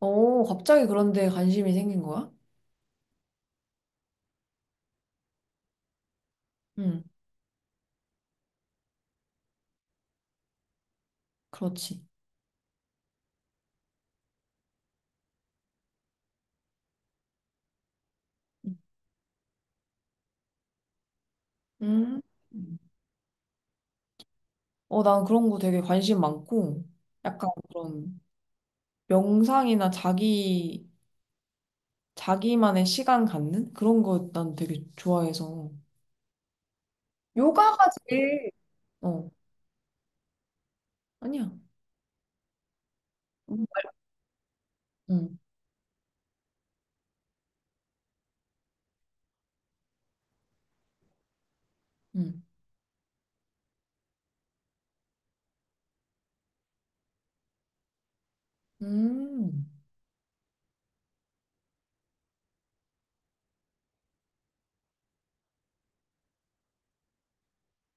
어, 갑자기 그런데 관심이 생긴 거야? 응, 그렇지. 음. 어, 난 그런 거 되게 관심 많고, 약간 그런 명상이나 자기만의 시간 갖는? 그런 거 난 되게 좋아해서. 요가가 제일 어, 아니야. 응, 응. 음.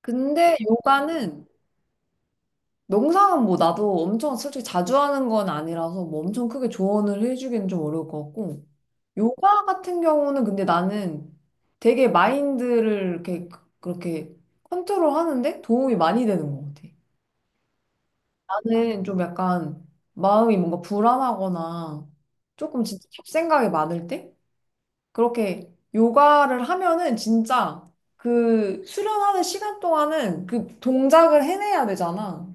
근데 요가는 명상은 뭐 나도 엄청 솔직히 자주 하는 건 아니라서 뭐 엄청 크게 조언을 해주기는 좀 어려울 것 같고, 요가 같은 경우는 근데 나는 되게 마인드를 이렇게 그렇게 컨트롤 하는데 도움이 많이 되는 것 같아. 나는 좀 약간 마음이 뭔가 불안하거나 조금 진짜 잡생각이 많을 때 그렇게 요가를 하면은 진짜 그 수련하는 시간 동안은 그 동작을 해내야 되잖아.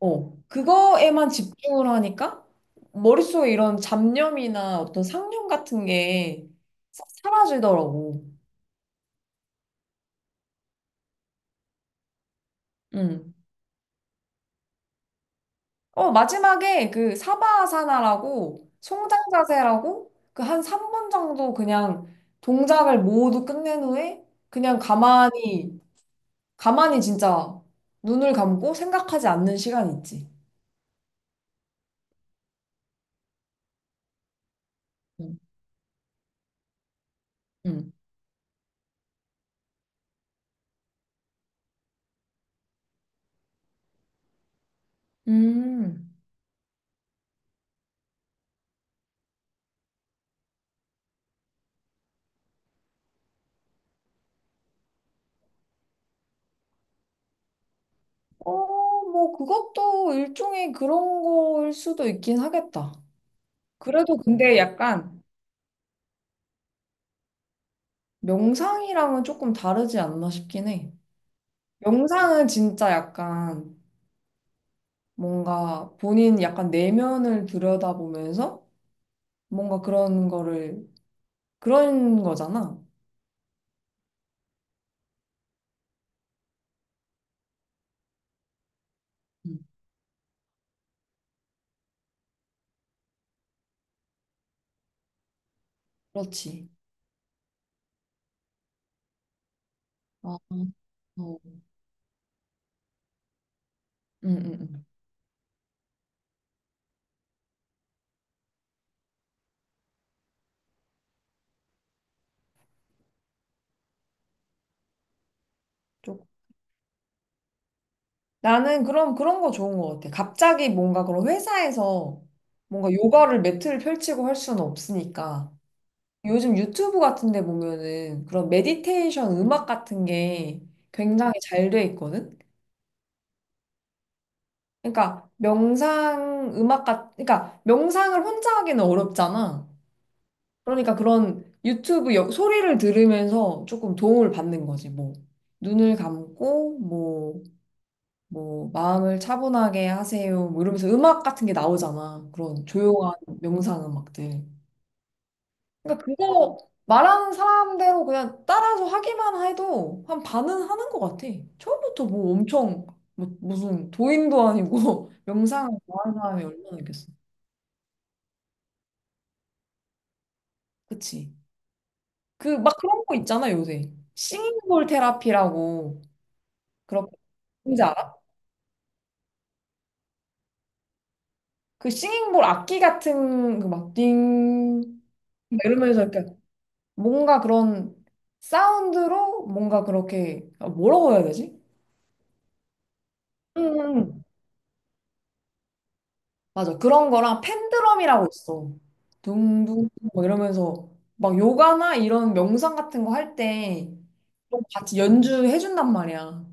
어, 그거에만 집중을 하니까 머릿속에 이런 잡념이나 어떤 상념 같은 게 사라지더라고. 응. 어, 마지막에 그 사바아사나라고 송장자세라고 그 한 3분 정도 그냥 동작을 모두 끝낸 후에 그냥 가만히, 가만히 진짜 눈을 감고 생각하지 않는 시간이 있지. 응. 응. 음. 어, 뭐, 그것도 일종의 그런 거일 수도 있긴 하겠다. 그래도 근데 약간 명상이랑은 조금 다르지 않나 싶긴 해. 명상은 진짜 약간 뭔가 본인 약간 내면을 들여다보면서 뭔가 그런 거를 그런 거잖아. 음. 그렇지. 아, 어. 응, 응, 응. 조- 나는 그럼 그런 거 좋은 것 같아. 갑자기 뭔가 그런 회사에서 뭔가 요가를 매트를 펼치고 할 수는 없으니까. 요즘 유튜브 같은 데 보면은 그런 메디테이션 음악 같은 게 굉장히 잘 돼 있거든? 그러니까 명상을 혼자 하기는 어렵잖아. 그러니까 그런 유튜브 소리를 들으면서 조금 도움을 받는 거지. 뭐 눈을 감고 뭐, 뭐 마음을 차분하게 하세요. 뭐 이러면서 음악 같은 게 나오잖아. 그런 조용한 명상 음악들. 그러니까 그거 말하는 사람대로 그냥 따라서 하기만 해도 한 반은 하는 것 같아. 처음부터 뭐 엄청 뭐, 무슨 도인도 아니고 명상을 좋아하는 사람이 얼마나 있겠어. 그치? 그 막 그런 거 있잖아 요새. 싱잉볼 테라피라고 그렇게 뭔지 알아? 그 싱잉볼 악기 같은 그막띵 이러면서 이렇게 뭔가 그런 사운드로 뭔가 그렇게 아, 뭐라고 해야 되지? 응, 응. 맞아. 그런 거랑 팬드럼이라고 있어. 둥둥 막 이러면서 막 요가나 이런 명상 같은 거 할 때 같이 연주해준단 말이야.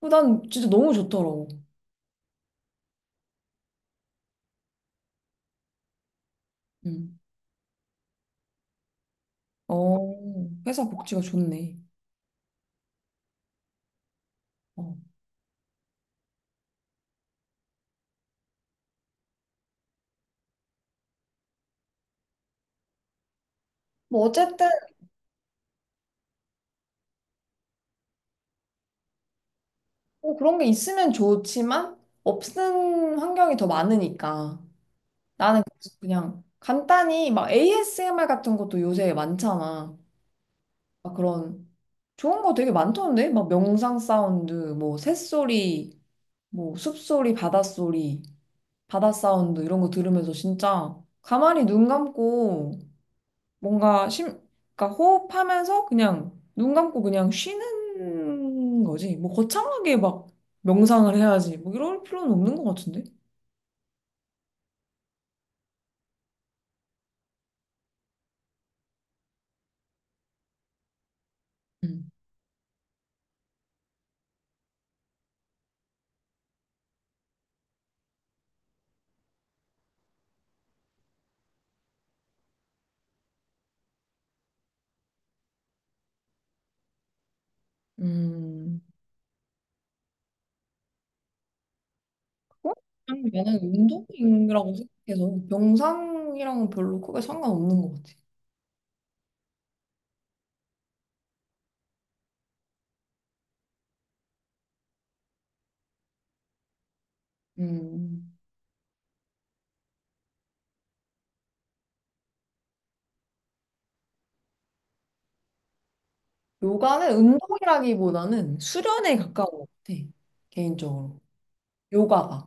어, 난 진짜 너무 좋더라고. 음. 어, 회사 복지가 좋네. 어. 뭐 어쨌든 뭐 그런 게 있으면 좋지만 없는 환경이 더 많으니까. 나는 그래서 그냥 간단히 막 ASMR 같은 것도 요새 많잖아. 막 그런 좋은 거 되게 많던데? 막 명상 사운드, 뭐 새소리, 뭐 숲소리, 바닷소리, 바다 사운드 이런 거 들으면서 진짜 가만히 눈 감고 뭔가 그러니까 호흡하면서 그냥 눈 감고 그냥 쉬는 거지. 뭐 거창하게 막 명상을 해야지. 뭐 이럴 필요는 없는 것 같은데? 음. 음. 어? 그냥 나는 운동이라고 생각해서 명상이랑은 별로 크게 상관없는 것 같아. 음. 요가는 운동이라기보다는 수련에 가까운 것 같아, 개인적으로. 요가가.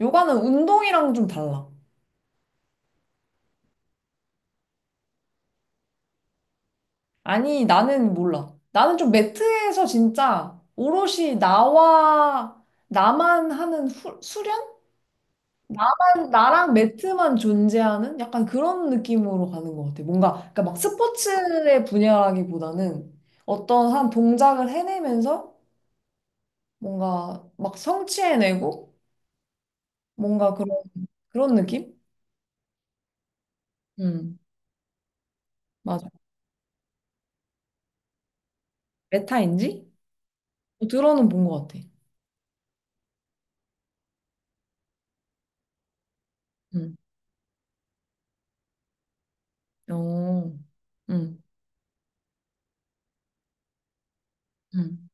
요가는 운동이랑 좀 달라. 아니, 나는 몰라. 나는 좀 매트에서 진짜 오롯이 나와, 나만 하는 수련? 나랑 매트만 존재하는 약간 그런 느낌으로 가는 것 같아. 뭔가, 그러니까 막 스포츠의 분야라기보다는 어떤 한 동작을 해내면서 뭔가 막 성취해내고 뭔가 그런, 그런 느낌? 음. 맞아. 메타인지? 어, 들어는 본 것 같아. 응. 어, 응, 응.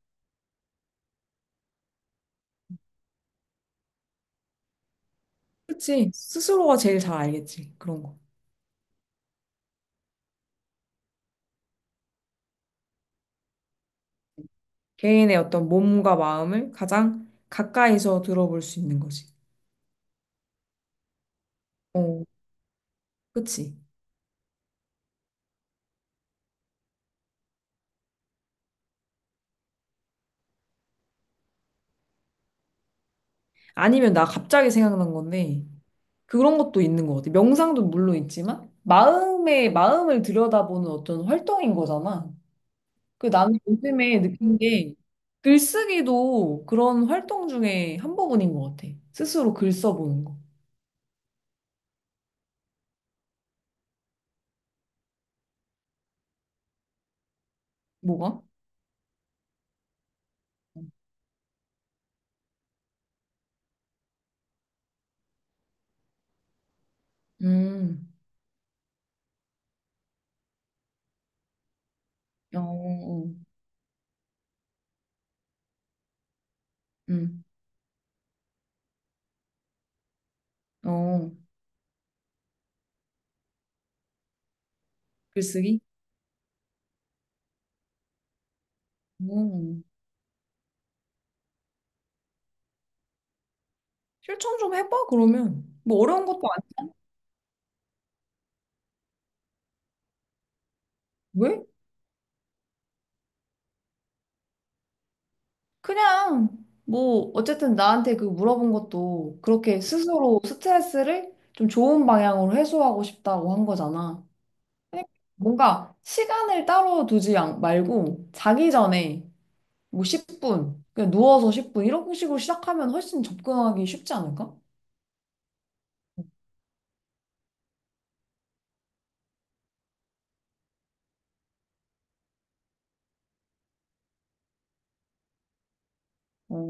그치. 스스로가 제일 잘 알겠지. 그런 거. 개인의 어떤 몸과 마음을 가장 가까이서 들어볼 수 있는 거지. 어, 그치. 아니면 나 갑자기 생각난 건데, 그런 것도 있는 것 같아. 명상도 물론 있지만, 마음을 들여다보는 어떤 활동인 거잖아. 그 나는 요즘에 느낀 게 글쓰기도 그런 활동 중에 한 부분인 것 같아. 스스로 글 써보는 거. 뭐가? 음, 어, 어, 음, 어, 글쓰기? 어. 실천 좀 해봐, 그러면. 뭐 어려운 것도 아니 왜? 그냥, 뭐, 어쨌든 나한테 그 물어본 것도 그렇게 스스로 스트레스를 좀 좋은 방향으로 해소하고 싶다고 한 거잖아. 그러니까 뭔가 시간을 따로 말고 자기 전에 뭐 10분, 그냥 누워서 10분, 이런 식으로 시작하면 훨씬 접근하기 쉽지 않을까? 어,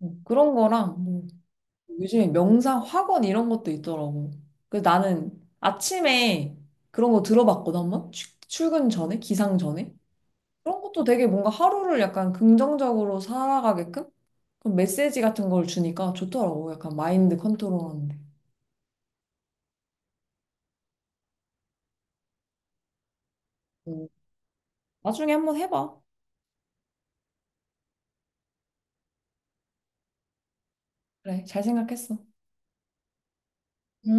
어, 그런 거랑, 뭐 요즘에 명상 학원 이런 것도 있더라고. 그래서 나는 아침에 그런 거 들어봤거든, 한번? 출근 전에? 기상 전에? 그런 것도 되게 뭔가 하루를 약간 긍정적으로 살아가게끔? 그런 메시지 같은 걸 주니까 좋더라고. 약간 마인드 컨트롤 하는데. 어, 나중에 한번 해봐. 그래, 잘 생각했어. 응?